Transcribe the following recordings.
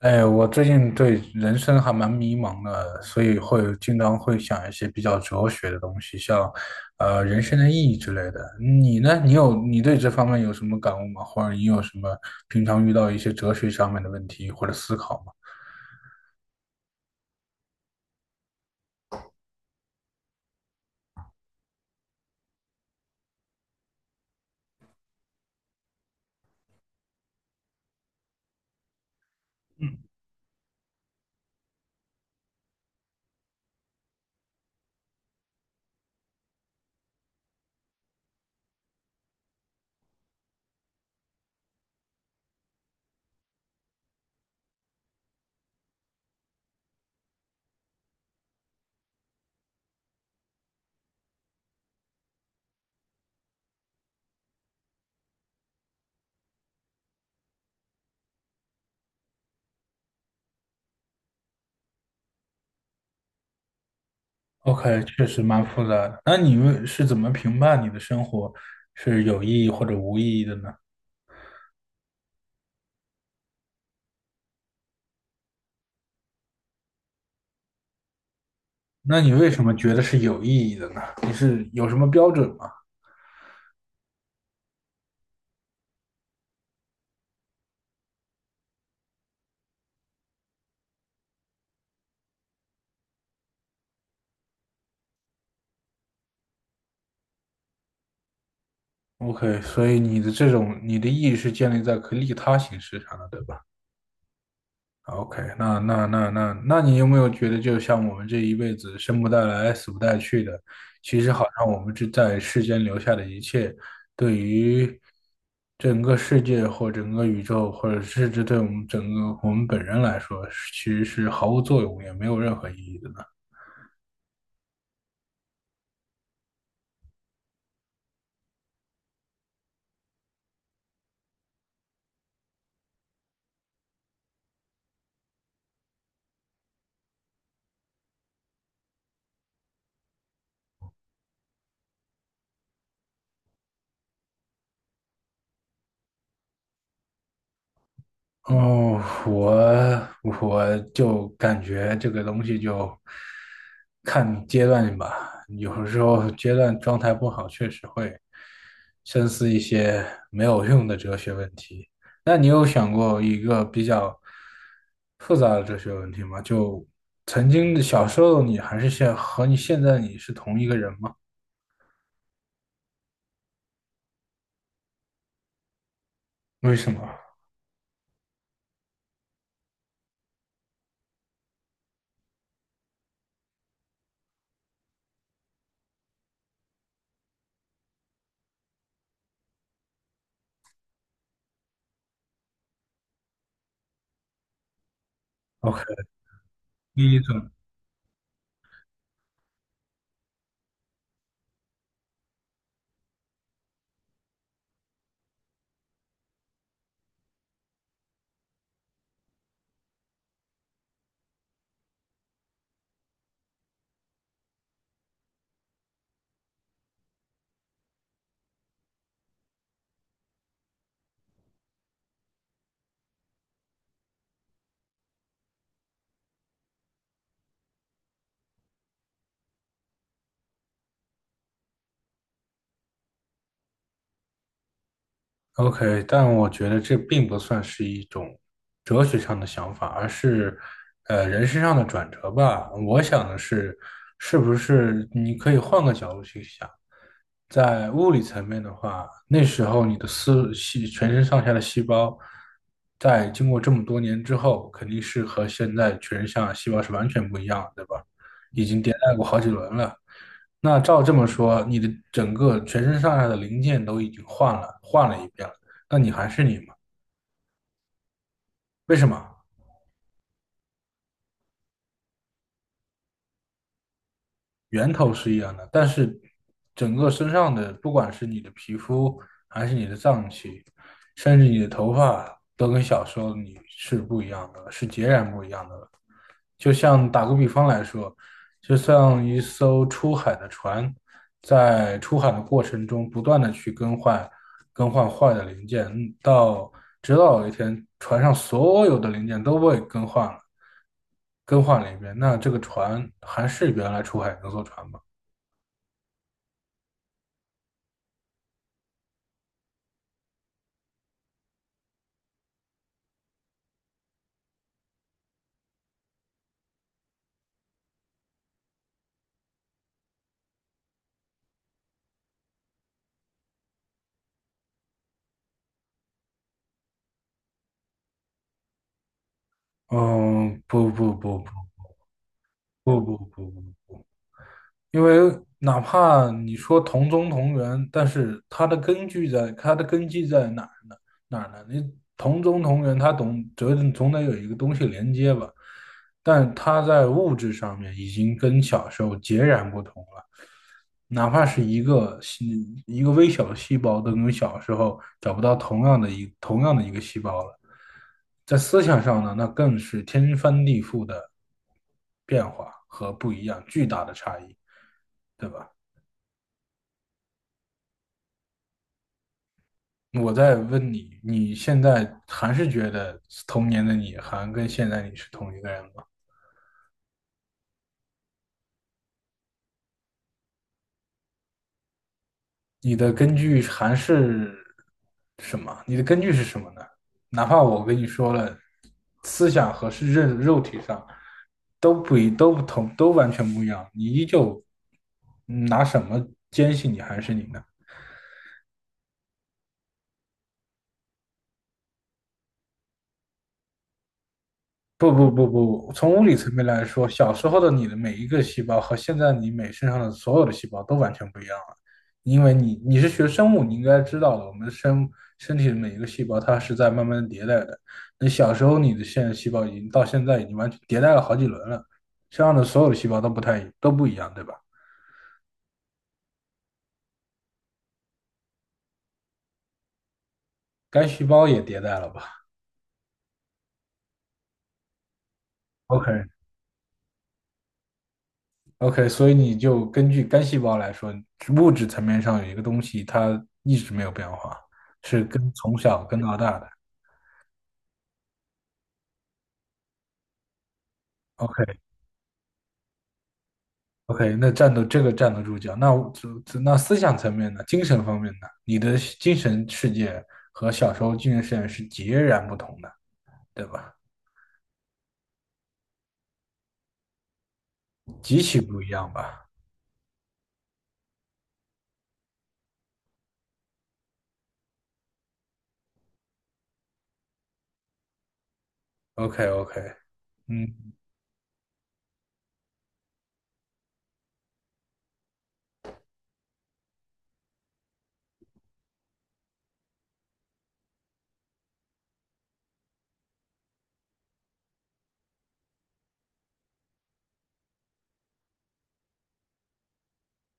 哎，我最近对人生还蛮迷茫的，所以经常会想一些比较哲学的东西，像人生的意义之类的。你呢？你对这方面有什么感悟吗？或者你有什么平常遇到一些哲学上面的问题或者思考吗？OK，确实蛮复杂的。那是怎么评判你的生活是有意义或者无意义的呢？那你为什么觉得是有意义的呢？你是有什么标准吗？OK，所以你的意义是建立在可利他形式上的，对吧？OK，那你有没有觉得，就像我们这一辈子生不带来，死不带去的，其实好像我们在世间留下的一切，对于整个世界或整个宇宙，或者甚至对我们本人来说，其实是毫无作用，也没有任何意义的呢？哦，我我就感觉这个东西就看阶段吧，有时候阶段状态不好，确实会深思一些没有用的哲学问题。那你有想过一个比较复杂的哲学问题吗？就曾经的小时候你还是现和你现在你是同一个人吗？为什么？OK，第一种。OK，但我觉得这并不算是一种哲学上的想法，而是人身上的转折吧。我想的是，是不是你可以换个角度去想，在物理层面的话，那时候你的全身上下的细胞，在经过这么多年之后，肯定是和现在全身上下细胞是完全不一样的对吧？已经迭代过好几轮了。那照这么说，你的整个全身上下的零件都已经换了，换了一遍了，那你还是你吗？为什么？源头是一样的，但是整个身上的，不管是你的皮肤，还是你的脏器，甚至你的头发，都跟小时候你是不一样的，是截然不一样的。就像打个比方来说，就像一艘出海的船，在出海的过程中，不断的去更换坏的零件，直到有一天，船上所有的零件都被更换了。更换了一遍。那这个船还是原来出海那艘船吗？嗯，不，因为哪怕你说同宗同源，但是它的根基在哪儿呢？哪儿呢？你同宗同源，它总得有一个东西连接吧？但它在物质上面已经跟小时候截然不同了。哪怕是一个微小的细胞，都跟小时候找不到同样的一个细胞了。在思想上呢，那更是天翻地覆的变化和不一样，巨大的差异，对吧？我在问你，你现在还是觉得童年的你还跟现在你是同一个人吗？你的根据还是你的根据是什么呢？哪怕我跟你说了，思想和肉体上都不同，都完全不一样，你依旧拿什么坚信你还是你呢？不，从物理层面来说，小时候的你的每一个细胞和现在你每身上的所有的细胞都完全不一样了，因为你是学生物，你应该知道的，我们身身体的每一个细胞它是在慢慢地迭代的。你小时候的细胞到现在已经完全迭代了好几轮了，身上的所有的细胞都不一样，对吧？该细胞也迭代了吧？OK，OK，所以你就根据干细胞来说，物质层面上有一个东西，它一直没有变化，是跟从小跟到大的。OK OK，那站得住脚。那思想层面呢？精神方面呢？你的精神世界和小时候精神世界是截然不同的，对吧？极其不一样吧？OK OK，嗯，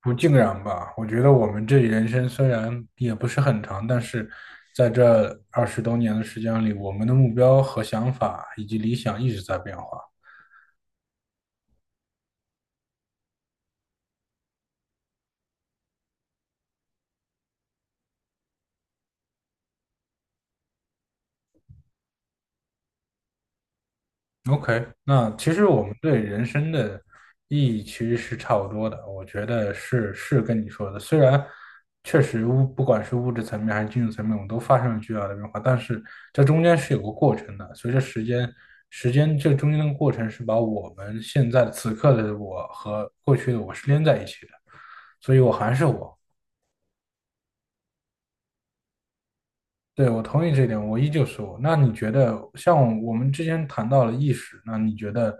不尽然吧，我觉得我们这人生虽然也不是很长，但是在这二十多年的时间里，我们的目标和想法以及理想一直在变化。OK，那其实我们对人生的意义其实是差不多的，我觉得是跟你说的。虽然确实不管是物质层面还是精神层面，我们都发生了巨大的变化，但是这中间是有个过程的。随着时间，这中间的过程是把我们现在此刻的我和过去的我是连在一起的，所以我还是我，对，我同意这一点，我依旧是我。那你觉得，像我们之前谈到了意识，那你觉得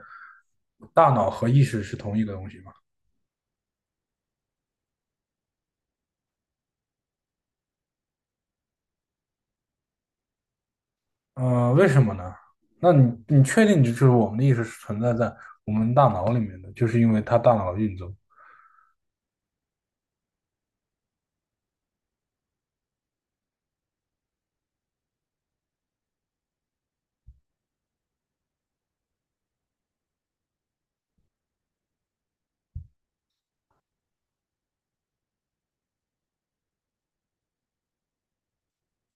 大脑和意识是同一个东西吗？嗯，为什么呢？那你确定就是我们的意识是存在在我们大脑里面的，就是因为它大脑的运作。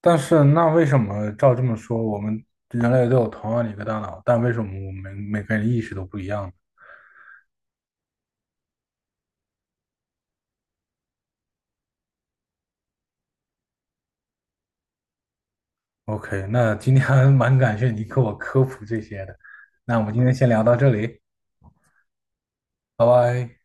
但是那为什么照这么说，我们人类都有同样的一个大脑，但为什么我们每个人意识都不一样呢？OK，那今天还蛮感谢你给我科普这些的。那我们今天先聊到这里，拜拜。